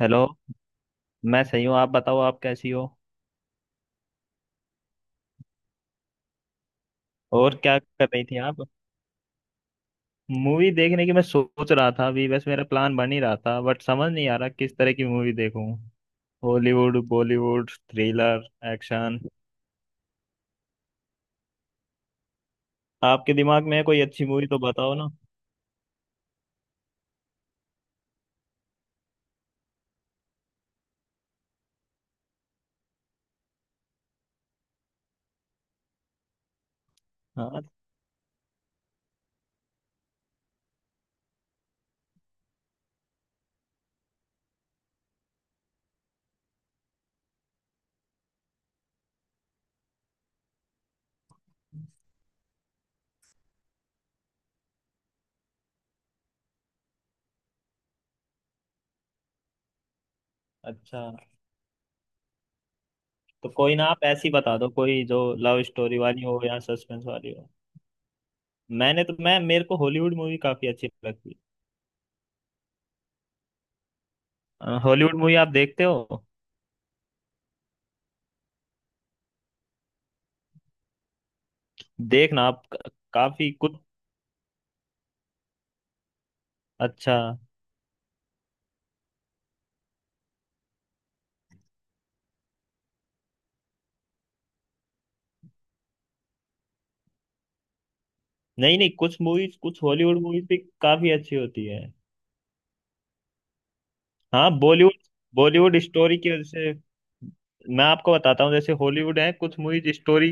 Hello. मैं सही हूँ, आप बताओ, आप कैसी हो? और क्या कर रही थी आप? मूवी देखने की मैं सोच रहा था, अभी बस मेरा प्लान बन ही रहा था, बट समझ नहीं आ रहा किस तरह की मूवी देखूं। हॉलीवुड, बॉलीवुड, थ्रिलर, एक्शन, आपके दिमाग में है कोई अच्छी मूवी तो बताओ ना। हाँ। अच्छा तो कोई ना, आप ऐसी बता दो कोई जो लव स्टोरी वाली हो या सस्पेंस वाली हो। मैंने तो मैं मेरे को हॉलीवुड मूवी काफी अच्छी लगती है। हॉलीवुड मूवी आप देखते हो? देखना आप काफी कुछ। अच्छा। नहीं नहीं, कुछ मूवीज, कुछ हॉलीवुड मूवीज भी काफी अच्छी होती है। हाँ। बॉलीवुड। बॉलीवुड स्टोरी की वजह से मैं आपको बताता हूँ, जैसे हॉलीवुड है कुछ मूवीज स्टोरी,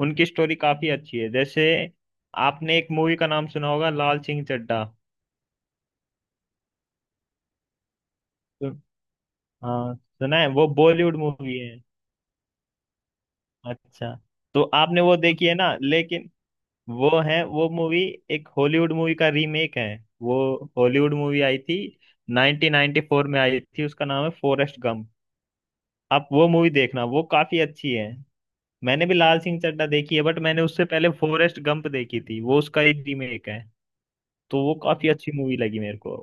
उनकी स्टोरी काफी अच्छी है। जैसे आपने एक मूवी का नाम सुना होगा, लाल सिंह चड्ढा। तो- हाँ सुना है, वो बॉलीवुड मूवी है। अच्छा तो आपने वो देखी है ना, लेकिन वो है वो मूवी एक हॉलीवुड मूवी का रीमेक है। वो हॉलीवुड मूवी आई थी, 1994 में आई थी, उसका नाम है फॉरेस्ट गंप। आप वो मूवी देखना, वो काफी अच्छी है। मैंने भी लाल सिंह चड्ढा देखी है, बट मैंने उससे पहले फॉरेस्ट गंप देखी थी, वो उसका एक रीमेक है। तो वो काफी अच्छी मूवी लगी मेरे को।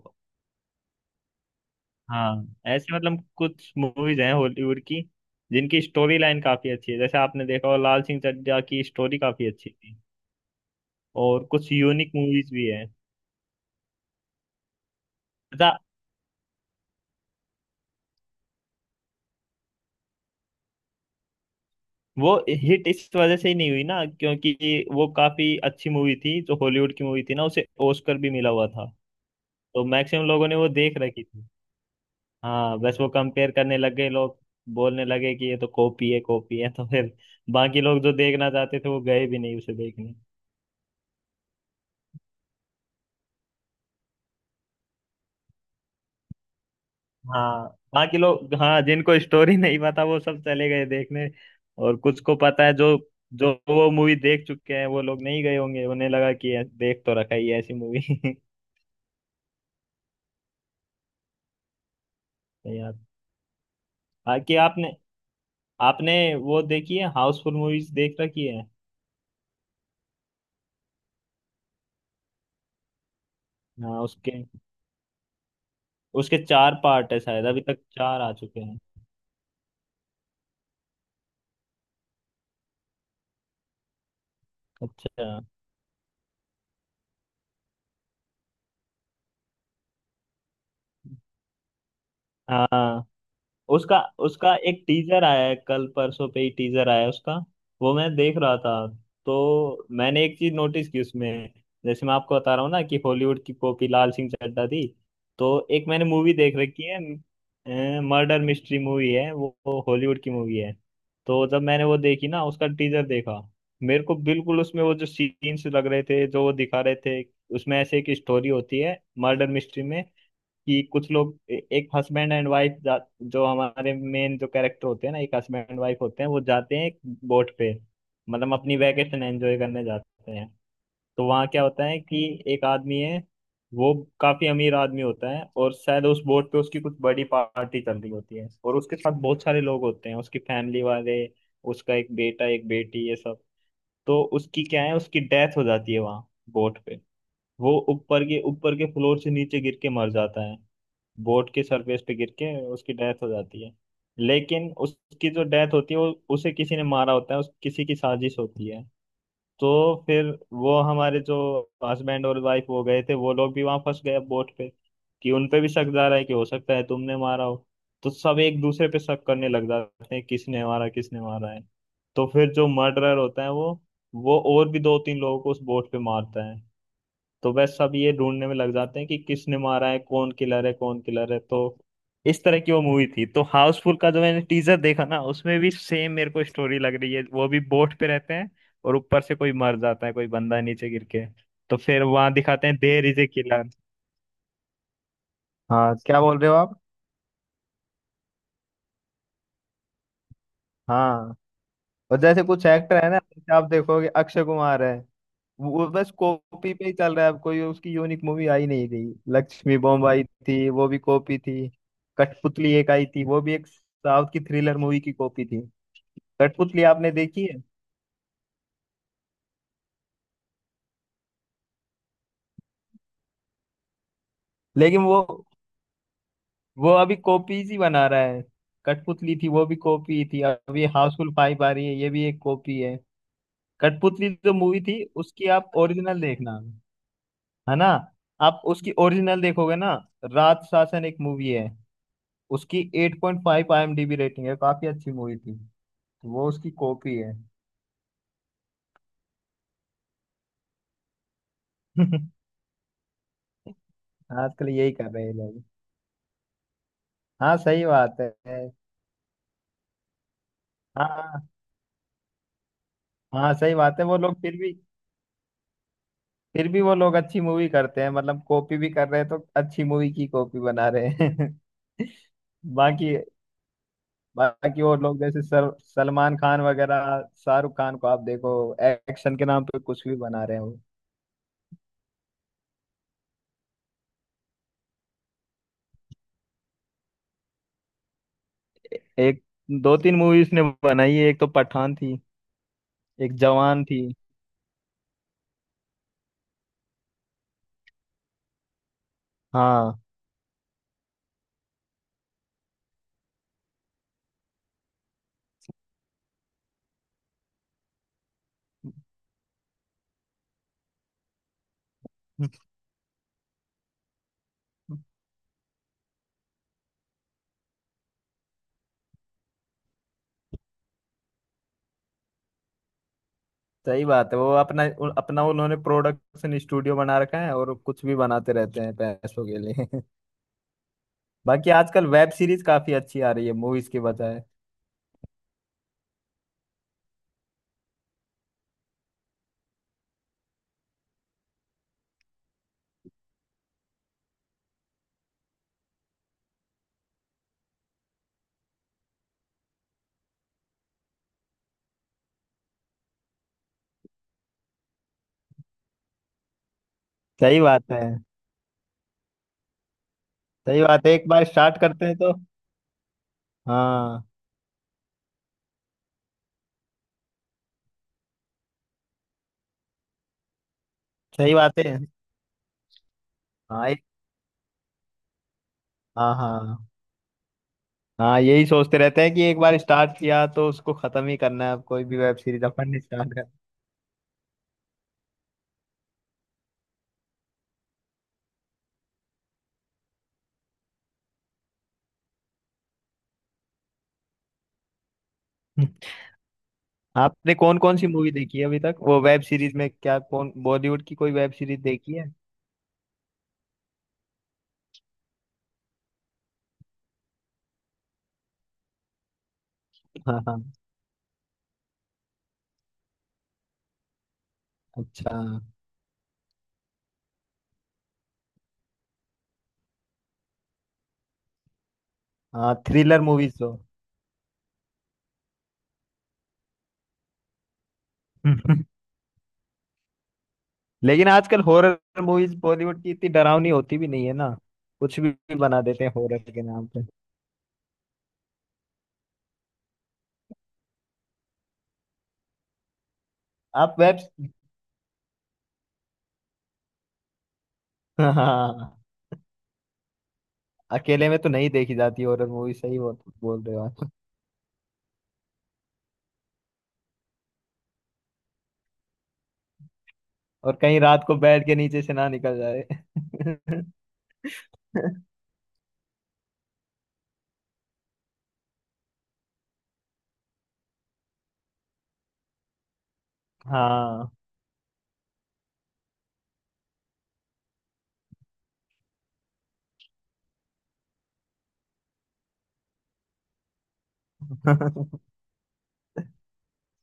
हाँ, ऐसे मतलब कुछ मूवीज हैं हॉलीवुड की जिनकी स्टोरी लाइन काफी अच्छी है, जैसे आपने देखा हो लाल सिंह चड्ढा की स्टोरी काफी अच्छी थी। और कुछ यूनिक मूवीज भी है। अच्छा। वो हिट इस वजह से ही नहीं हुई ना, क्योंकि वो काफी अच्छी मूवी थी जो हॉलीवुड की मूवी थी ना, उसे ऑस्कर भी मिला हुआ था। तो मैक्सिमम लोगों ने वो देख रखी थी। हाँ बस वो कंपेयर करने लग गए लोग, बोलने लगे कि ये तो कॉपी है कॉपी है, तो फिर बाकी लोग जो देखना चाहते थे वो गए भी नहीं उसे देखने। हाँ बाकी लोग, हाँ जिनको स्टोरी नहीं पता वो सब चले गए देखने, और कुछ को पता है जो जो वो मूवी देख चुके हैं वो लोग नहीं गए होंगे, उन्हें लगा कि देख तो रखा ही है ऐसी मूवी। नहीं यार। बाकी आपने आपने वो देखी है, हाउसफुल मूवीज देख रखी है? हाँ उसके उसके चार पार्ट है शायद, अभी तक चार आ चुके हैं। अच्छा। हाँ उसका उसका एक टीजर आया है, कल परसों पे ही टीजर आया है उसका, वो मैं देख रहा था। तो मैंने एक चीज नोटिस की उसमें, जैसे मैं आपको बता रहा हूँ ना कि हॉलीवुड की कॉपी लाल सिंह चड्ढा थी, तो एक मैंने मूवी देख रखी है मर्डर मिस्ट्री मूवी है, वो हॉलीवुड की मूवी है। तो जब मैंने वो देखी ना उसका टीजर देखा, मेरे को बिल्कुल उसमें वो जो सीन्स लग रहे थे जो वो दिखा रहे थे, उसमें ऐसे एक स्टोरी होती है मर्डर मिस्ट्री में, कि कुछ लोग एक हस्बैंड एंड वाइफ, जो हमारे मेन जो कैरेक्टर होते हैं ना एक हस्बैंड एंड वाइफ होते हैं, वो जाते हैं एक बोट पे, मतलब अपनी वैकेशन एंजॉय करने जाते हैं। तो वहाँ क्या होता है कि एक आदमी है, वो काफी अमीर आदमी होता है, और शायद उस बोट पे उसकी कुछ बड़ी पार्टी चल रही होती है, और उसके साथ बहुत सारे लोग होते हैं उसकी फैमिली वाले, उसका एक बेटा एक बेटी ये सब। तो उसकी क्या है, उसकी डेथ हो जाती है वहाँ बोट पे, वो ऊपर के फ्लोर से नीचे गिर के मर जाता है, बोट की सरफेस पे गिर के उसकी डेथ हो जाती है। लेकिन उसकी जो डेथ होती है वो उसे किसी ने मारा होता है, उस किसी की साजिश होती है। तो फिर वो हमारे जो हस्बैंड और वाइफ वो गए थे वो लोग भी वहां फंस गए बोट पे, कि उन पे भी शक जा रहा है कि हो सकता है तुमने मारा हो। तो सब एक दूसरे पे शक करने लग जाते हैं, किसने मारा है। तो फिर जो मर्डरर होता है वो और भी दो तीन लोगों को उस बोट पे मारता है। तो बस सब ये ढूंढने में लग जाते हैं कि किसने मारा है, कौन किलर है कौन किलर है। तो इस तरह की वो मूवी थी। तो हाउसफुल का जो मैंने टीजर देखा ना, उसमें भी सेम मेरे को स्टोरी लग रही है, वो भी बोट पे रहते हैं और ऊपर से कोई मर जाता है, कोई बंदा नीचे गिर के, तो फिर वहां दिखाते हैं देयर इज ए किलर। हाँ क्या बोल रहे हो आप? हाँ। और जैसे कुछ एक्टर है ना, जैसे आप देखोगे अक्षय कुमार है, वो बस कॉपी पे ही चल रहा है, अब कोई उसकी यूनिक मूवी आई नहीं, रही लक्ष्मी बॉम्ब आई थी वो भी कॉपी थी, कठपुतली एक आई थी वो भी एक साउथ की थ्रिलर मूवी की कॉपी थी। कठपुतली आपने देखी है? लेकिन वो अभी कॉपीज ही बना रहा है, कठपुतली थी वो भी कॉपी थी, अभी हाउसफुल फाइव आ रही है ये भी एक कॉपी है। कठपुतली जो मूवी थी उसकी आप ओरिजिनल देखना, है ना, आप उसकी ओरिजिनल देखोगे ना, रात शासन एक मूवी है, उसकी 8.5 आईएमडीबी रेटिंग है, काफी अच्छी मूवी थी, तो वो उसकी कॉपी है। आजकल यही कर रहे हैं लोग। हाँ सही बात है। हाँ हाँ सही बात है, वो लोग फिर भी वो लोग अच्छी मूवी करते हैं, मतलब कॉपी भी कर रहे हैं तो अच्छी मूवी की कॉपी बना रहे हैं। बाकी बाकी वो लोग जैसे सर, सलमान खान वगैरह शाहरुख खान को आप देखो, एक्शन के नाम पे कुछ भी बना रहे हैं। एक दो तीन मूवीज ने बनाई है, एक तो पठान थी, एक जवान थी। हाँ। सही बात है। वो अपना उन्होंने प्रोडक्शन स्टूडियो बना रखा है और कुछ भी बनाते रहते हैं पैसों के लिए। बाकी आजकल वेब सीरीज काफी अच्छी आ रही है मूवीज के बजाय। सही बात है। सही बात है, एक बार स्टार्ट करते हैं तो। हाँ। सही बात है। हाँ एक- हाँ हाँ। हाँ यही सोचते रहते हैं कि एक बार स्टार्ट किया तो उसको खत्म ही करना है, अब कोई भी वेब सीरीज अपन ने स्टार्ट कर आपने कौन कौन सी मूवी देखी है अभी तक वो, वेब सीरीज में क्या, कौन बॉलीवुड की कोई वेब सीरीज देखी है? हाँ हाँ। अच्छा। हाँ थ्रिलर मूवीज तो। लेकिन आजकल हॉरर मूवीज बॉलीवुड की इतनी डरावनी होती भी नहीं है ना, कुछ भी बना देते हैं हॉरर के नाम पे। आप वेब हाँ हाँ, हाँ। अकेले में तो नहीं देखी जाती हॉरर मूवी, सही बोल बोल रहे हो आप? और कहीं रात को बेड के नीचे से ना निकल जाए। हाँ।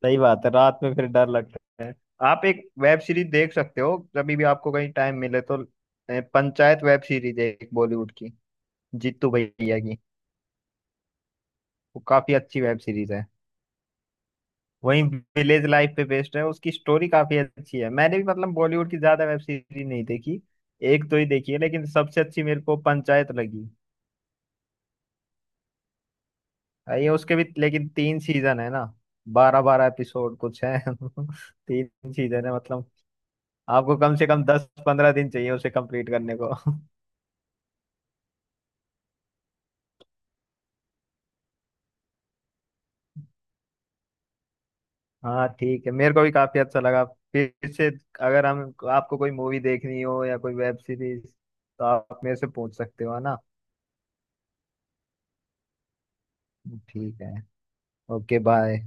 सही बात है, रात में फिर डर लगता है। आप एक वेब सीरीज देख सकते हो कभी भी, आपको कहीं टाइम मिले तो पंचायत वेब सीरीज है एक बॉलीवुड की, जीतू भैया की, वो काफी अच्छी वेब सीरीज है। वहीं विलेज लाइफ पे बेस्ड है, उसकी स्टोरी काफी अच्छी है। मैंने भी मतलब बॉलीवुड की ज्यादा वेब सीरीज नहीं देखी, एक दो ही देखी है, लेकिन सबसे अच्छी मेरे को पंचायत लगी। ये उसके भी लेकिन तीन सीजन है ना, बारह बारह एपिसोड कुछ है। तीन सीजन है मतलब आपको कम से कम 10-15 दिन चाहिए उसे कंप्लीट करने को। हाँ ठीक है, मेरे को भी काफी अच्छा लगा। फिर से अगर हम, आपको कोई मूवी देखनी हो या कोई वेब सीरीज, तो आप मेरे से पूछ सकते हो है ना। ठीक है। Okay bye.